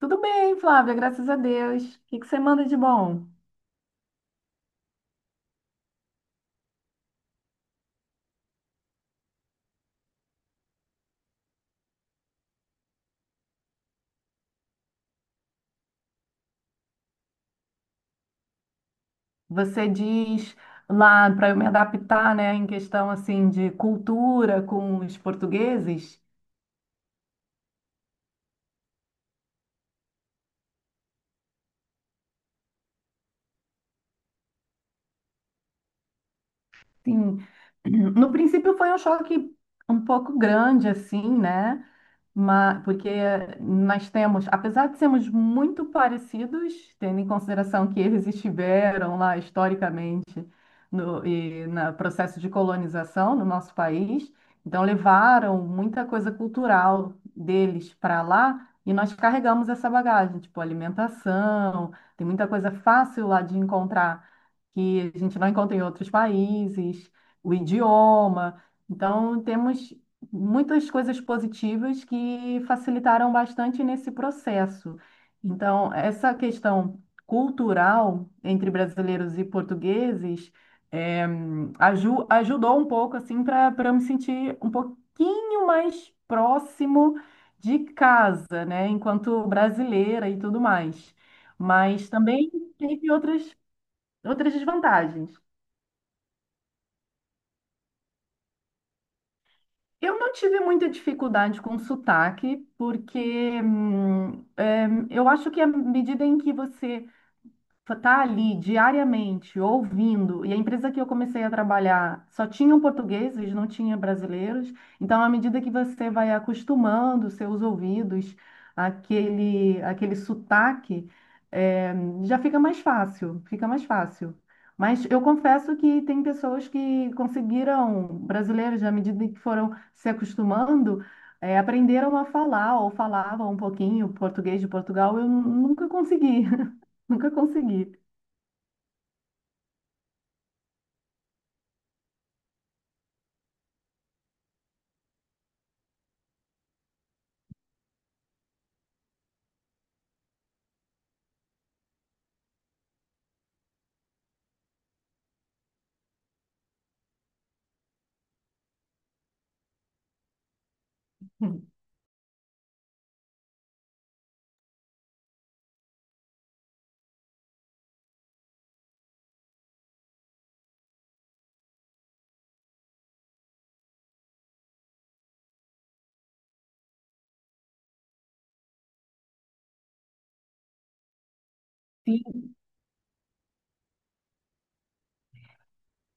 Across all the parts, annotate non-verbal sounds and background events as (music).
Tudo bem, Flávia, graças a Deus. O que que você manda de bom? Você diz lá para eu me adaptar, né, em questão assim de cultura com os portugueses? Sim. (clears throat) No princípio foi um choque um pouco grande assim, né? Porque nós temos, apesar de sermos muito parecidos, tendo em consideração que eles estiveram lá historicamente no processo de colonização no nosso país, então levaram muita coisa cultural deles para lá e nós carregamos essa bagagem, tipo alimentação, tem muita coisa fácil lá de encontrar que a gente não encontra em outros países, o idioma. Então, temos muitas coisas positivas que facilitaram bastante nesse processo. Então, essa questão cultural entre brasileiros e portugueses eh, ajudou um pouco assim para eu me sentir um pouquinho mais próximo de casa, né, enquanto brasileira e tudo mais. Mas também teve outras desvantagens. Eu não tive muita dificuldade com sotaque, porque eu acho que à medida em que você tá ali diariamente ouvindo, e a empresa que eu comecei a trabalhar só tinham portugueses, não tinha brasileiros. Então, à medida que você vai acostumando seus ouvidos àquele sotaque, eh, já fica mais fácil, fica mais fácil. Mas eu confesso que tem pessoas que conseguiram, brasileiros, à medida que foram se acostumando, aprenderam a falar ou falavam um pouquinho português de Portugal. Nunca consegui, (laughs) nunca consegui. Sim.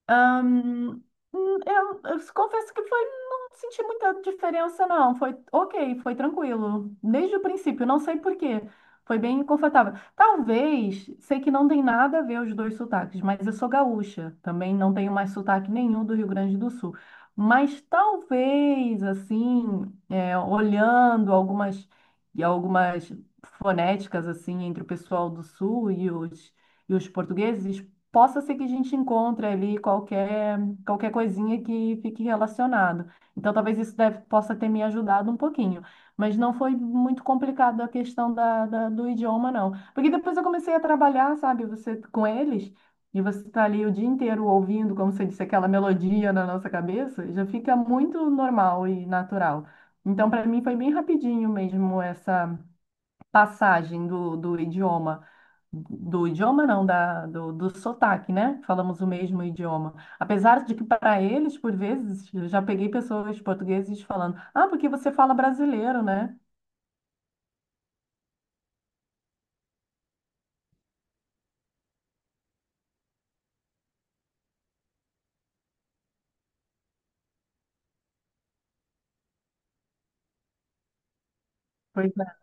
Ahn, eu confesso que não senti muita diferença, não. Foi ok, foi tranquilo. Desde o princípio, não sei por quê. Foi bem confortável. Talvez, sei que não tem nada a ver os dois sotaques, mas eu sou gaúcha. Também não tenho mais sotaque nenhum do Rio Grande do Sul. Mas talvez, assim, é, olhando algumas fonéticas, assim, entre o pessoal do Sul e os portugueses, possa ser que a gente encontre ali qualquer coisinha que fique relacionado. Então, talvez possa ter me ajudado um pouquinho. Mas não foi muito complicado a questão do idioma, não. Porque depois eu comecei a trabalhar, sabe, você com eles, e você está ali o dia inteiro ouvindo, como você disse, aquela melodia na nossa cabeça, já fica muito normal e natural. Então, para mim, foi bem rapidinho mesmo essa passagem do do sotaque, né? Falamos o mesmo idioma. Apesar de que, para eles, por vezes, eu já peguei pessoas portugueses falando: Ah, porque você fala brasileiro, né? Pois é.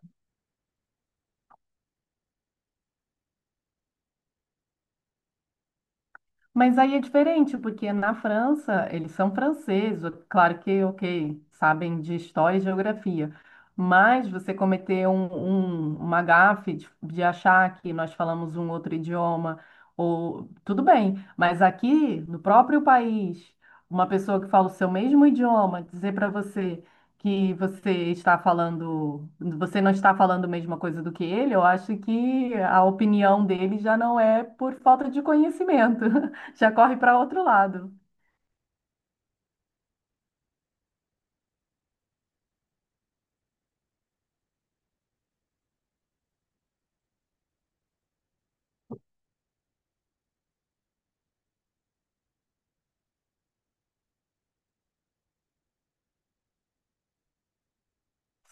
Mas aí é diferente, porque na França eles são franceses, claro que, ok, sabem de história e geografia, mas você cometer uma gafe de achar que nós falamos um outro idioma, ou tudo bem, mas aqui no próprio país, uma pessoa que fala o seu mesmo idioma dizer para você que você não está falando a mesma coisa do que ele, eu acho que a opinião dele já não é por falta de conhecimento. (laughs) Já corre para outro lado.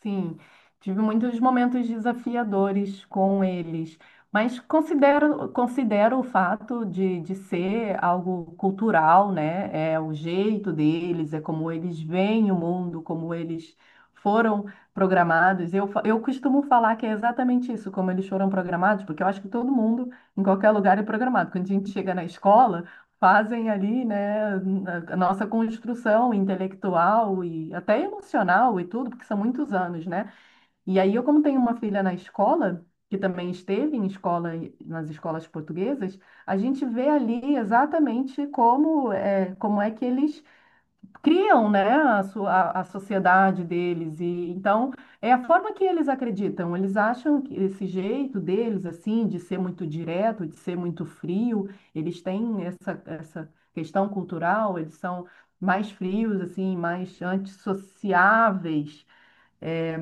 Sim, tive muitos momentos desafiadores com eles, mas considero o fato de ser algo cultural, né? É o jeito deles, é como eles veem o mundo, como eles foram programados. Eu costumo falar que é exatamente isso, como eles foram programados, porque eu acho que todo mundo, em qualquer lugar, é programado. Quando a gente chega na escola, fazem ali, né, a nossa construção intelectual e até emocional e tudo, porque são muitos anos, né? E aí eu, como tenho uma filha na escola, que também esteve em escola, nas escolas portuguesas, a gente vê ali exatamente como é que eles criam, né, a sua, a sociedade deles e então é a forma que eles acreditam. Eles acham que esse jeito deles assim de ser muito direto, de ser muito frio, eles têm essa questão cultural, eles são mais frios assim, mais antissociáveis. eh,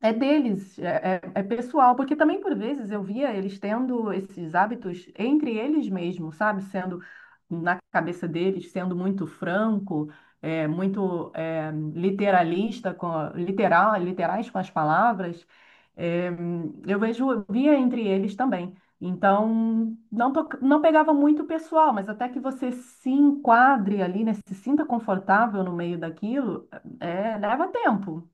É deles, é, é pessoal, porque também por vezes eu via eles tendo esses hábitos entre eles mesmos, sabe? Sendo na cabeça deles, sendo muito franco, literalista, literal, literais com as palavras. É, via entre eles também. Então, não pegava muito pessoal, mas até que você se enquadre ali, né? Se sinta confortável no meio daquilo, é, leva tempo.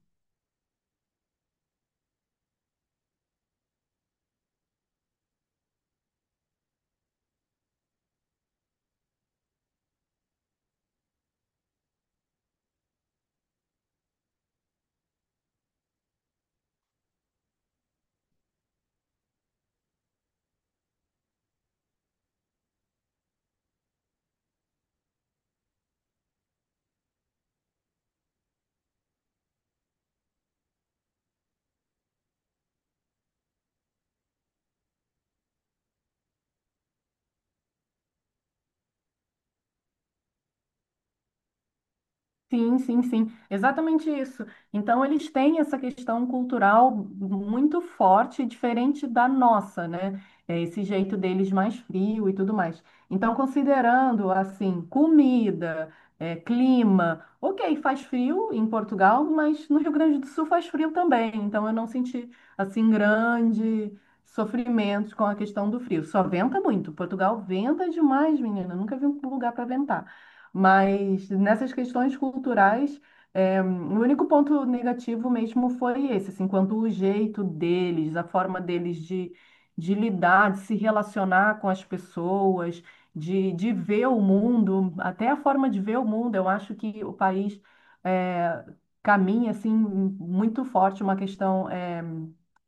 Sim, sim, sim, exatamente isso. Então, eles têm essa questão cultural muito forte, diferente da nossa, né? É esse jeito deles mais frio e tudo mais. Então, considerando, assim, comida, é, clima, ok, faz frio em Portugal, mas no Rio Grande do Sul faz frio também. Então, eu não senti, assim, grande sofrimento com a questão do frio. Só venta muito. Portugal venta demais, menina. Nunca vi um lugar para ventar. Mas nessas questões culturais, é, o único ponto negativo mesmo foi esse, assim, quanto o jeito deles, a forma deles de lidar, de se relacionar com as pessoas, de ver o mundo, até a forma de ver o mundo. Eu acho que o país é, caminha, assim, muito forte uma questão é,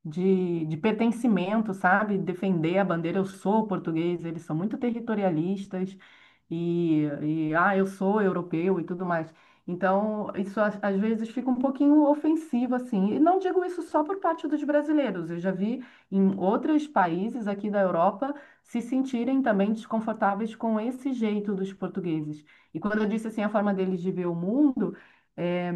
de pertencimento, sabe? Defender a bandeira, eu sou português, eles são muito territorialistas ah, eu sou europeu e tudo mais. Então, isso às vezes fica um pouquinho ofensivo, assim. E não digo isso só por parte dos brasileiros. Eu já vi em outros países aqui da Europa se sentirem também desconfortáveis com esse jeito dos portugueses. E quando eu disse assim, a forma deles de ver o mundo, é,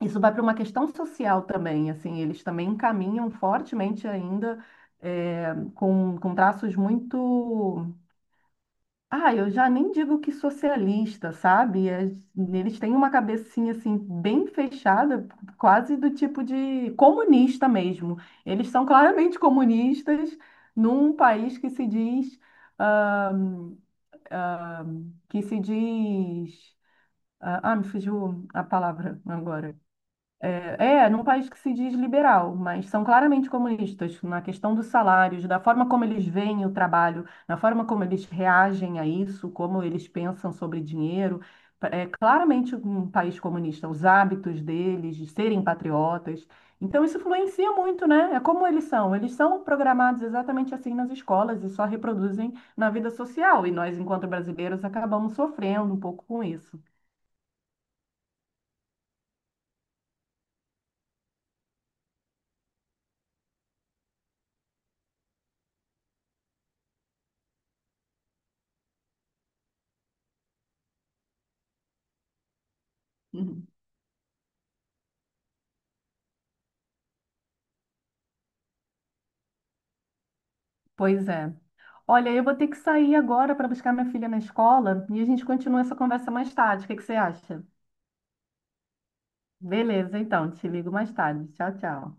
isso vai para uma questão social também, assim, eles também encaminham fortemente ainda eh, com traços muito ah, eu já nem digo que socialista, sabe? Eles têm uma cabecinha assim bem fechada, quase do tipo de comunista mesmo. Eles são claramente comunistas num país que se diz, ah, que se diz, ah, me fugiu a palavra agora. É, é, num país que se diz liberal, mas são claramente comunistas na questão dos salários, da forma como eles veem o trabalho, na forma como eles reagem a isso, como eles pensam sobre dinheiro. É claramente um país comunista, os hábitos deles de serem patriotas. Então, isso influencia muito, né? É como eles são. Eles são programados exatamente assim nas escolas e só reproduzem na vida social. E nós, enquanto brasileiros, acabamos sofrendo um pouco com isso. Pois é. Olha, eu vou ter que sair agora para buscar minha filha na escola e a gente continua essa conversa mais tarde. O que que você acha? Beleza, então, te ligo mais tarde. Tchau, tchau.